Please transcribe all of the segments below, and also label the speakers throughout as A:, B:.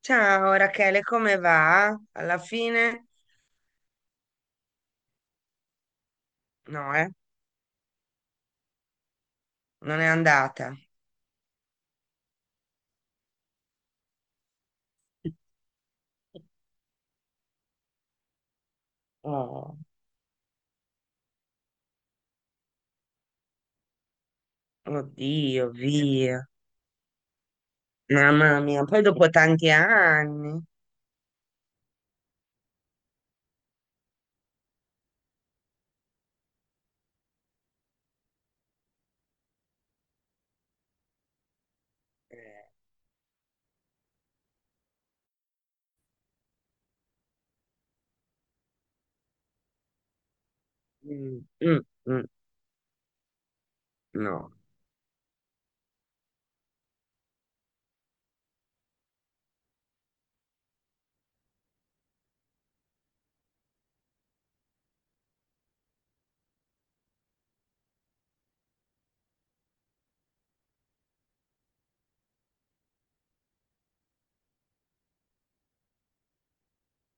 A: Ciao Rachele, come va? Alla fine? No, non è andata. Oh, oddio, via. Mamma mia, poi dopo tanti anni. Eh, mm, mm, mm, no,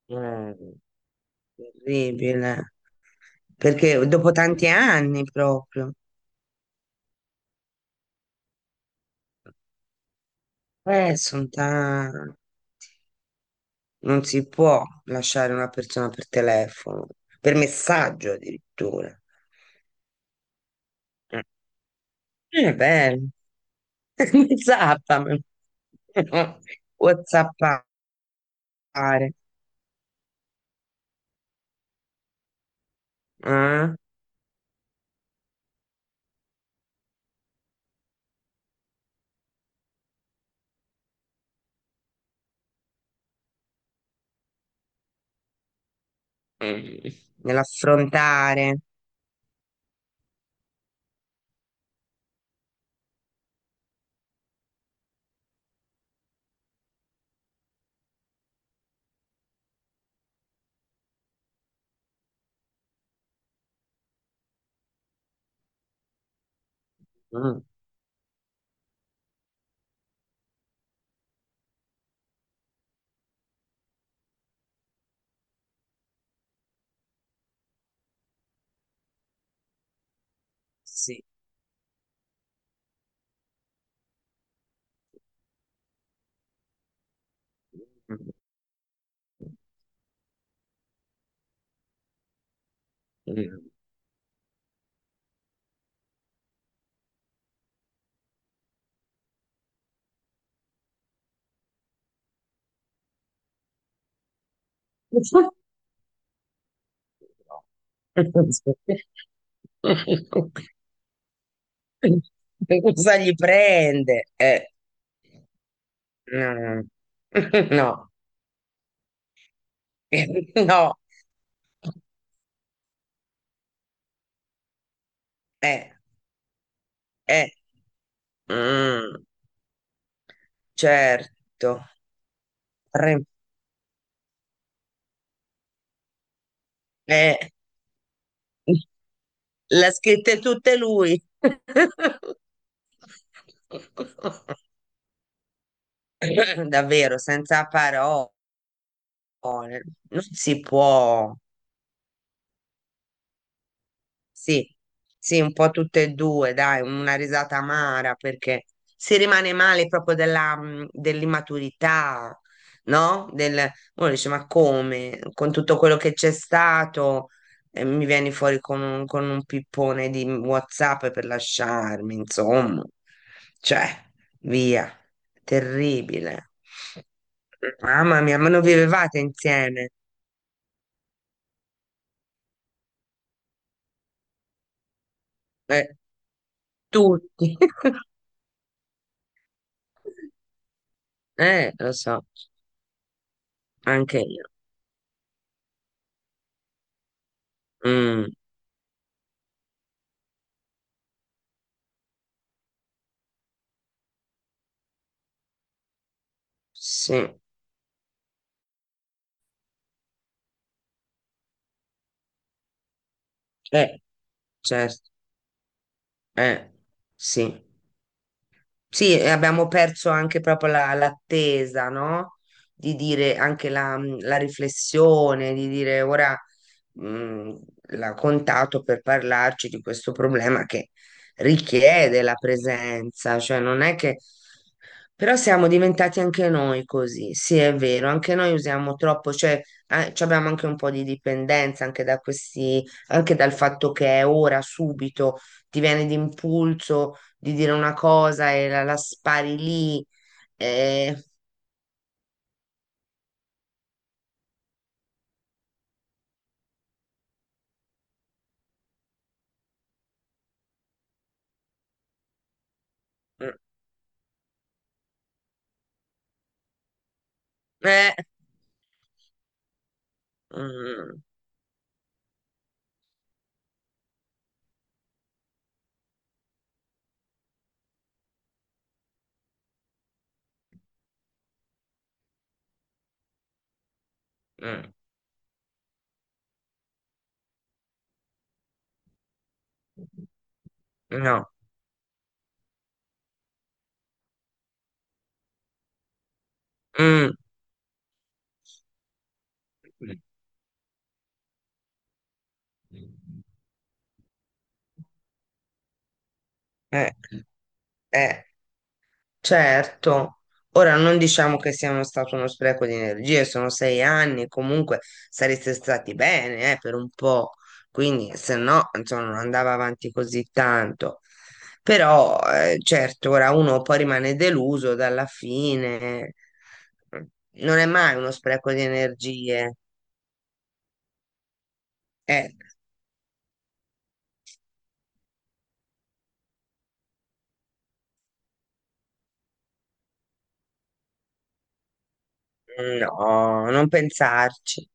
A: eh, terribile. Perché dopo tanti anni proprio. Sono tanti. Non si può lasciare una persona per telefono, per messaggio addirittura. Eh, è bello. Zappami. Whatsappare. Eh? Mm. Nell'affrontare. Mm. Sì. Mm. Cosa gli prende? No, no, no, eh, eh, mm, certo, Re- eh, l'ha scritta tutta lui. Davvero, senza parole, non si può. Sì, sì, un po' tutte e due, dai, una risata amara perché si rimane male proprio dell'immaturità, no? Uno dice, ma come? Con tutto quello che c'è stato, mi vieni fuori con un pippone di WhatsApp per lasciarmi, insomma. Cioè, via, terribile. Mamma mia, ma non vivevate insieme? Eh, tutti. Lo so, anche io. Mm, sì, eh, certo, eh, sì. Sì, e abbiamo perso anche proprio l'attesa, no? Di dire anche la riflessione, di dire ora mh, l'ha contato per parlarci di questo problema che richiede la presenza, cioè non è che. Però siamo diventati anche noi così, sì, è vero, anche noi usiamo troppo, cioè ci abbiamo anche un po' di dipendenza anche da questi, anche dal fatto che è ora, subito, ti viene d'impulso di dire una cosa e la spari lì. Eh, mm, eh, mm, mm, mm, no. Mm, mm, eh, eh. Certo, ora non diciamo che sia uno stato uno spreco di energie, sono 6 anni, comunque sareste stati bene, per un po', quindi se no, insomma, non andava avanti così tanto. Però, certo, ora uno poi rimane deluso dalla fine, non è mai uno spreco di energie, eh, no, non pensarci,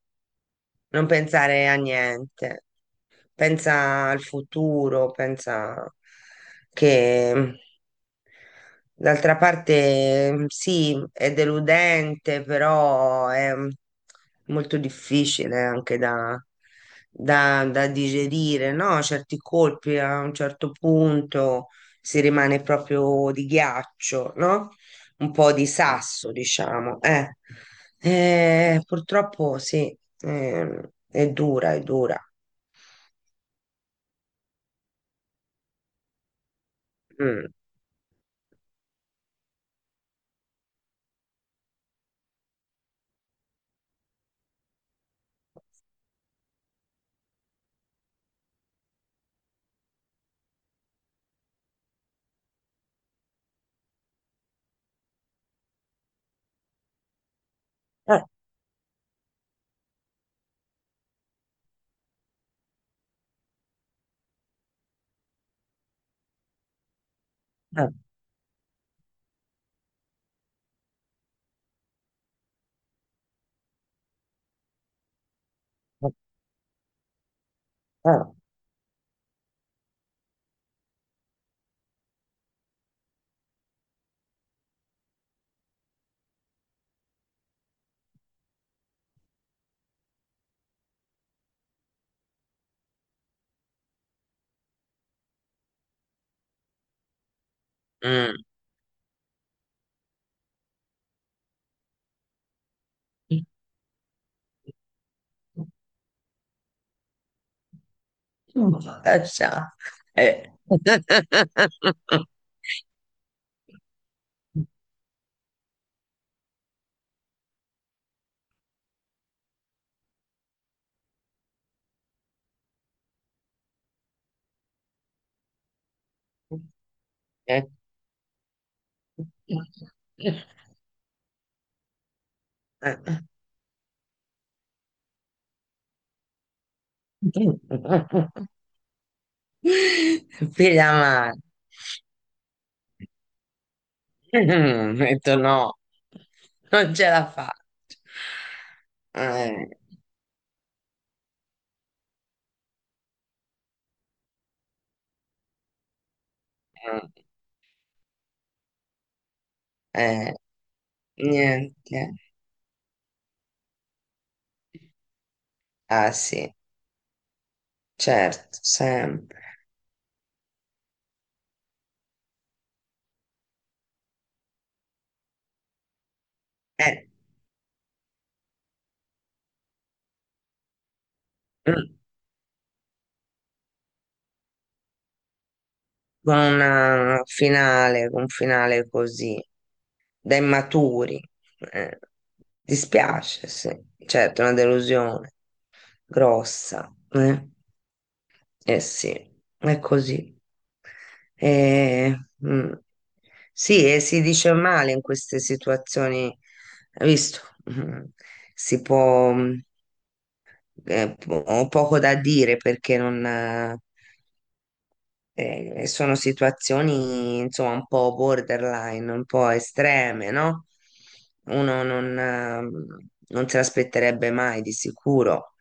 A: non pensare a niente. Pensa al futuro, pensa che d'altra parte sì, è deludente, però è molto difficile anche da digerire, no? Certi colpi a un certo punto si rimane proprio di ghiaccio, no? Un po' di sasso, diciamo. Purtroppo sì, è dura, è dura. Mm. Eh, eh. हाँ, हम्म अच्छा है. Piglia male. Mm, ho detto no, non ce la faccio. Eh, eh, niente. Ah sì, certo, sempre. Eh, mm, con un finale così. Da immaturi. Eh, dispiace, sì. Certo, è una delusione grossa. Eh sì, è così. Eh, mm. Sì, e si dice male in queste situazioni, hai visto? Mm. Si può, ho poco da dire perché non, eh. Sono situazioni, insomma, un po' borderline, un po' estreme, no? Uno non se l'aspetterebbe mai di sicuro,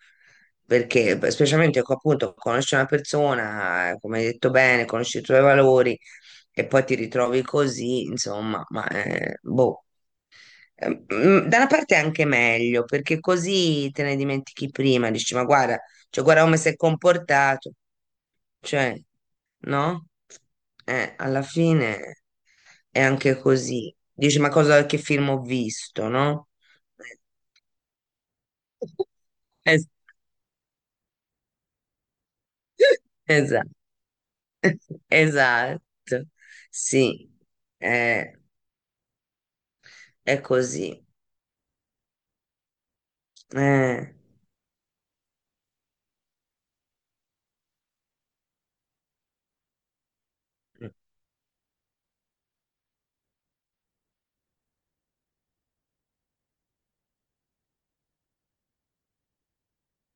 A: perché beh, specialmente appunto conosci una persona, come hai detto bene, conosci i tuoi valori e poi ti ritrovi così, insomma, ma boh. Mm, da una parte è anche meglio perché così te ne dimentichi prima, dici ma guarda, cioè guarda come si è comportato, cioè, no? Alla fine è anche così. Dici, ma cosa, che film ho visto, no? Es- esatto, esatto. Sì, eh, è così. Eh,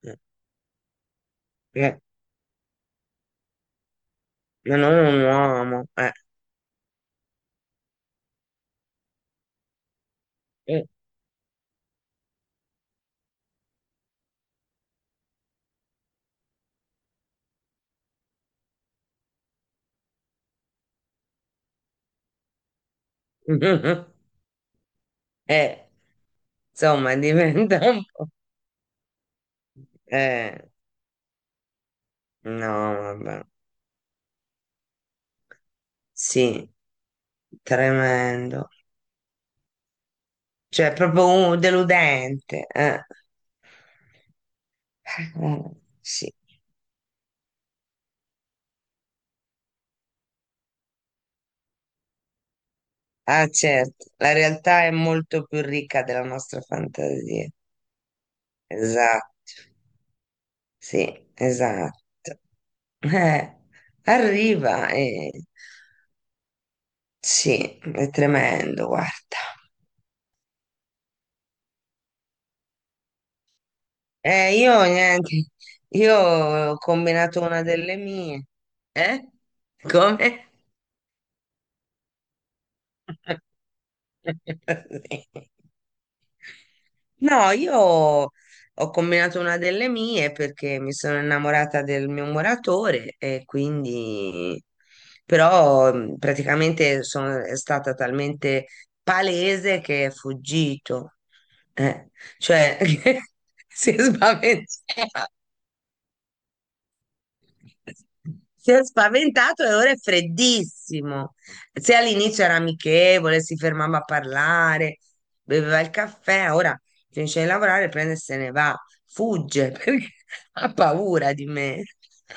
A: eh, eh, ma non è un uomo. Eh, eh, insomma, diventa un po'. Eh, no, vabbè. Sì, tremendo. Cioè, è proprio deludente. Eh, Sì. Ah, certo, la realtà è molto più ricca della nostra fantasia. Esatto, sì, esatto. Eh, arriva, eh. Sì, è tremendo, guarda. Io niente, io ho combinato una delle mie. Eh? Come? Sì. No, io ho combinato una delle mie perché mi sono innamorata del mio muratore e quindi però praticamente è stata talmente palese che è fuggito, eh, cioè si è spaventato. Si è spaventato e ora è freddissimo. Se all'inizio era amichevole, si fermava a parlare, beveva il caffè, ora finisce di lavorare, prende e se ne va. Fugge perché ha paura di me.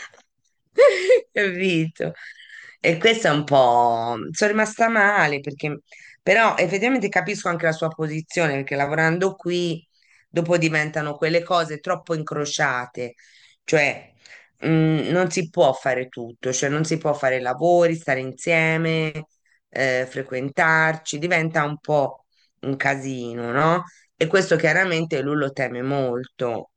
A: Capito? E questo è un po'. Sono rimasta male perché. Però effettivamente capisco anche la sua posizione perché lavorando qui dopo diventano quelle cose troppo incrociate. Cioè non si può fare tutto, cioè non si può fare lavori, stare insieme, frequentarci, diventa un po' un casino, no? E questo chiaramente lui lo teme molto,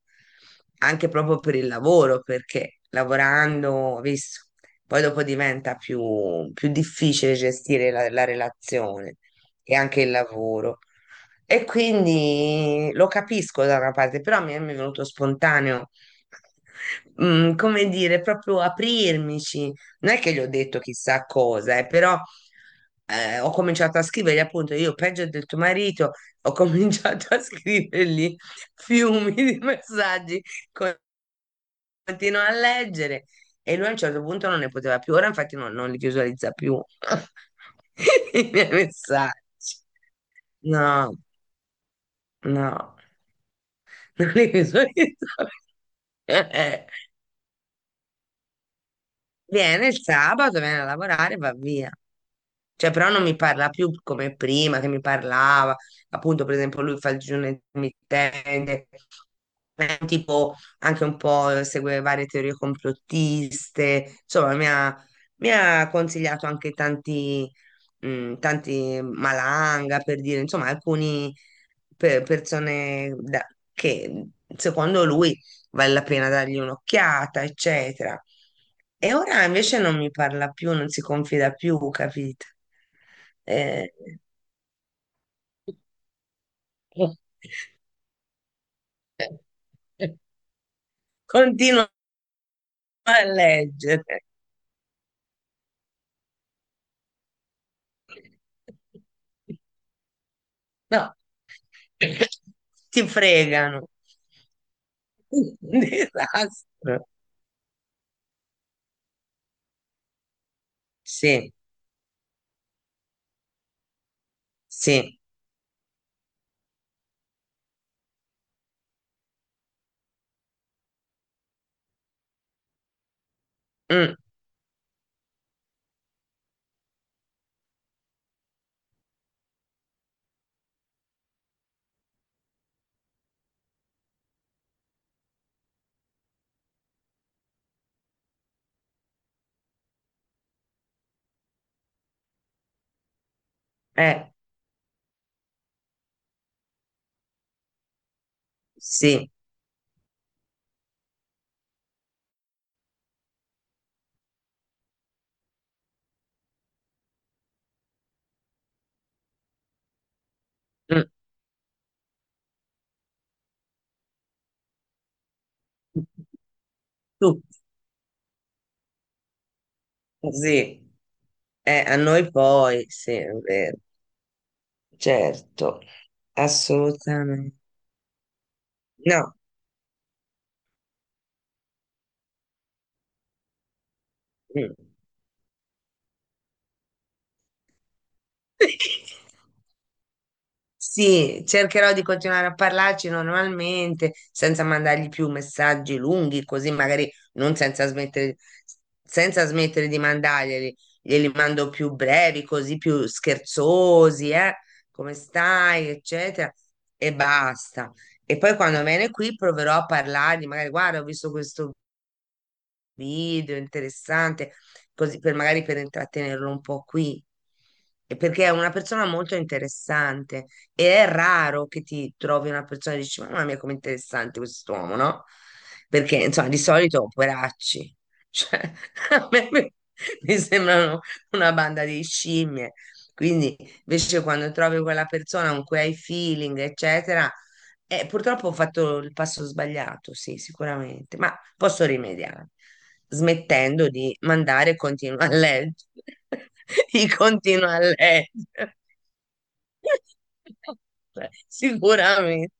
A: anche proprio per il lavoro, perché lavorando, ho visto, poi dopo diventa più difficile gestire la relazione e anche il lavoro. E quindi lo capisco da una parte, però mi è venuto spontaneo come dire, proprio aprirmici. Non è che gli ho detto chissà cosa, però ho cominciato a scrivergli, appunto, io peggio del tuo marito, ho cominciato a scrivergli fiumi di messaggi, con- continuo a leggere e lui a un certo punto non ne poteva più, ora infatti non li visualizza più i miei messaggi. No, no, non li visualizza più. Viene il sabato, viene a lavorare e va via. Cioè, però non mi parla più come prima, che mi parlava. Appunto, per esempio, lui fa il digiuno intermittente, è un tipo anche un po' segue varie teorie complottiste. Insomma, mi ha consigliato anche tanti Malanga, per dire, insomma, alcune persone che secondo lui vale la pena dargli un'occhiata, eccetera. E ora invece non mi parla più, non si confida più, capito? Eh, continuo a leggere. No, ti fregano. Un disastro. Sì, sì, mm, eh, sì, mm, tu, sì, a noi poi, sì, è vero. Certo, assolutamente. No. Mm. Sì, cercherò di continuare a parlarci normalmente, senza mandargli più messaggi lunghi, così magari non senza smettere, senza smettere di mandarglieli. Glieli mando più brevi, così più scherzosi, eh? Come stai, eccetera. E basta. E poi quando viene qui proverò a parlargli, magari guarda, ho visto questo video interessante, così per intrattenerlo un po' qui. E perché è una persona molto interessante e è raro che ti trovi una persona e dici, mamma mia, com'è interessante quest'uomo, no? Perché, insomma, di solito, poveracci, cioè, a me mi sembrano una banda di scimmie. Quindi, invece, quando trovi quella persona con cui hai feeling, eccetera, purtroppo ho fatto il passo sbagliato, sì, sicuramente. Ma posso rimediare smettendo di mandare continua a leggere i continua a leggere sicuramente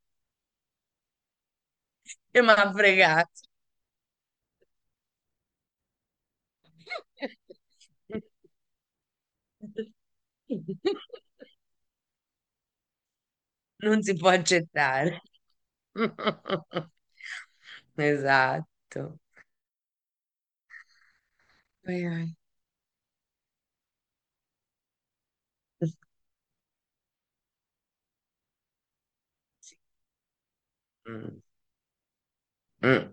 A: che mi ha fregato non si può accettare esatto. Ai, ai. Mm, mm,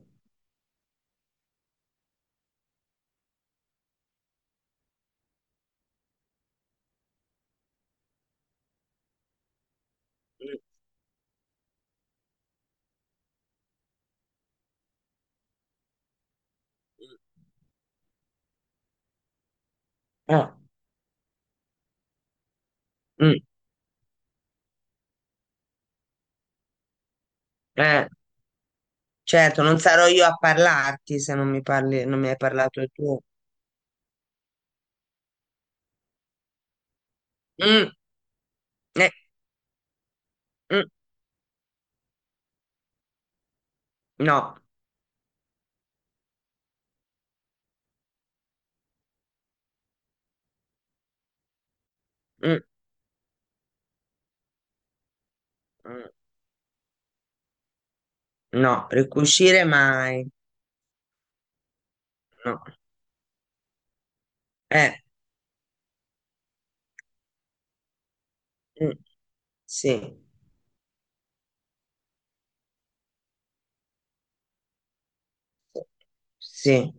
A: mm, mm, ah, mm, eh. Certo, non sarò io a parlarti se non mi parli, non mi hai parlato tu. Mm, eh, mm, no, mm, mm, no, ricucire mai. No. Eh, mm, sì, sì.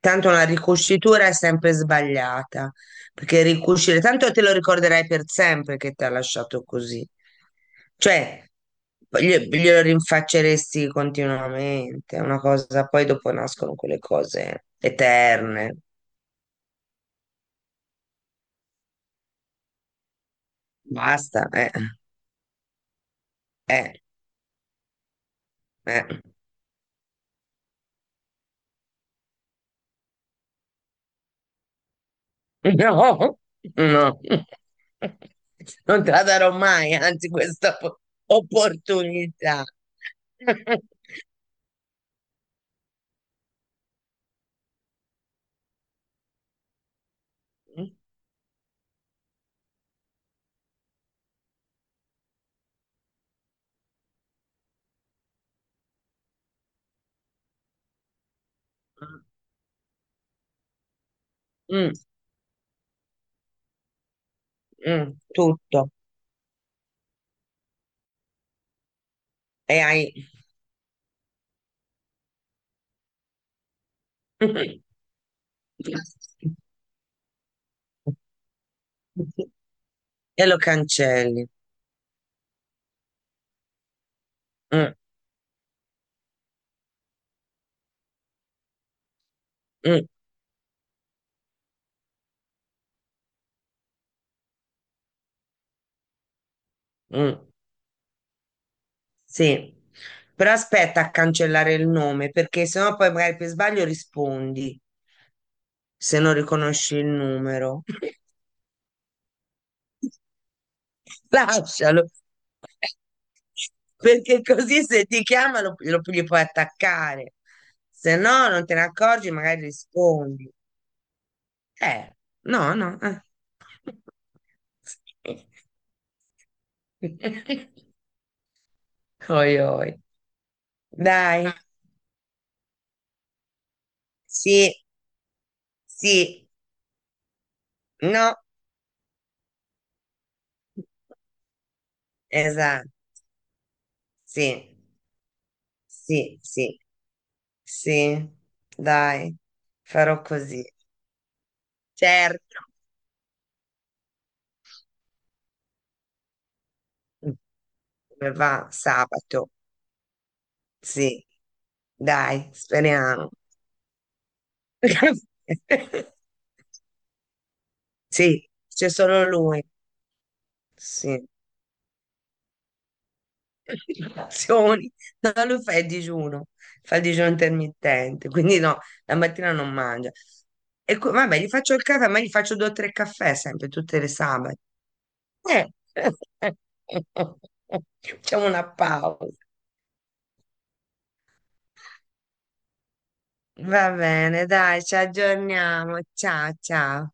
A: Tanto una ricucitura è sempre sbagliata, perché ricucire, tanto te lo ricorderai per sempre che ti ha lasciato così. Cioè, glielo rinfacceresti continuamente, è una cosa, poi dopo nascono quelle cose eterne. Basta, eh, eh. No, no, non te la darò mai, anzi, questa opportunità. Mm, mm, mm, tutto. E hai. E lo cancelli. Mm, mm, mm. Sì. Però aspetta a cancellare il nome, perché sennò poi magari per sbaglio rispondi, se non riconosci il numero. Lascialo, perché così se ti chiama gli puoi attaccare. Se no, non te ne accorgi, magari rispondi. Eh, no, no. Eh. Oi, oi. Dai, sì, sì, no, esatto, sì, sì, sì, sì, dai, farò così. Certo, come va sabato, sì. Dai, speriamo. Sì, c'è solo lui. Sì. Azioni. No, lui fa il digiuno intermittente, quindi no, la mattina non mangia. E vabbè, gli faccio il caffè, ma gli faccio due o tre caffè sempre, tutte le sabate. Eh. Facciamo una pausa. Va bene, dai, ci aggiorniamo. Ciao, ciao.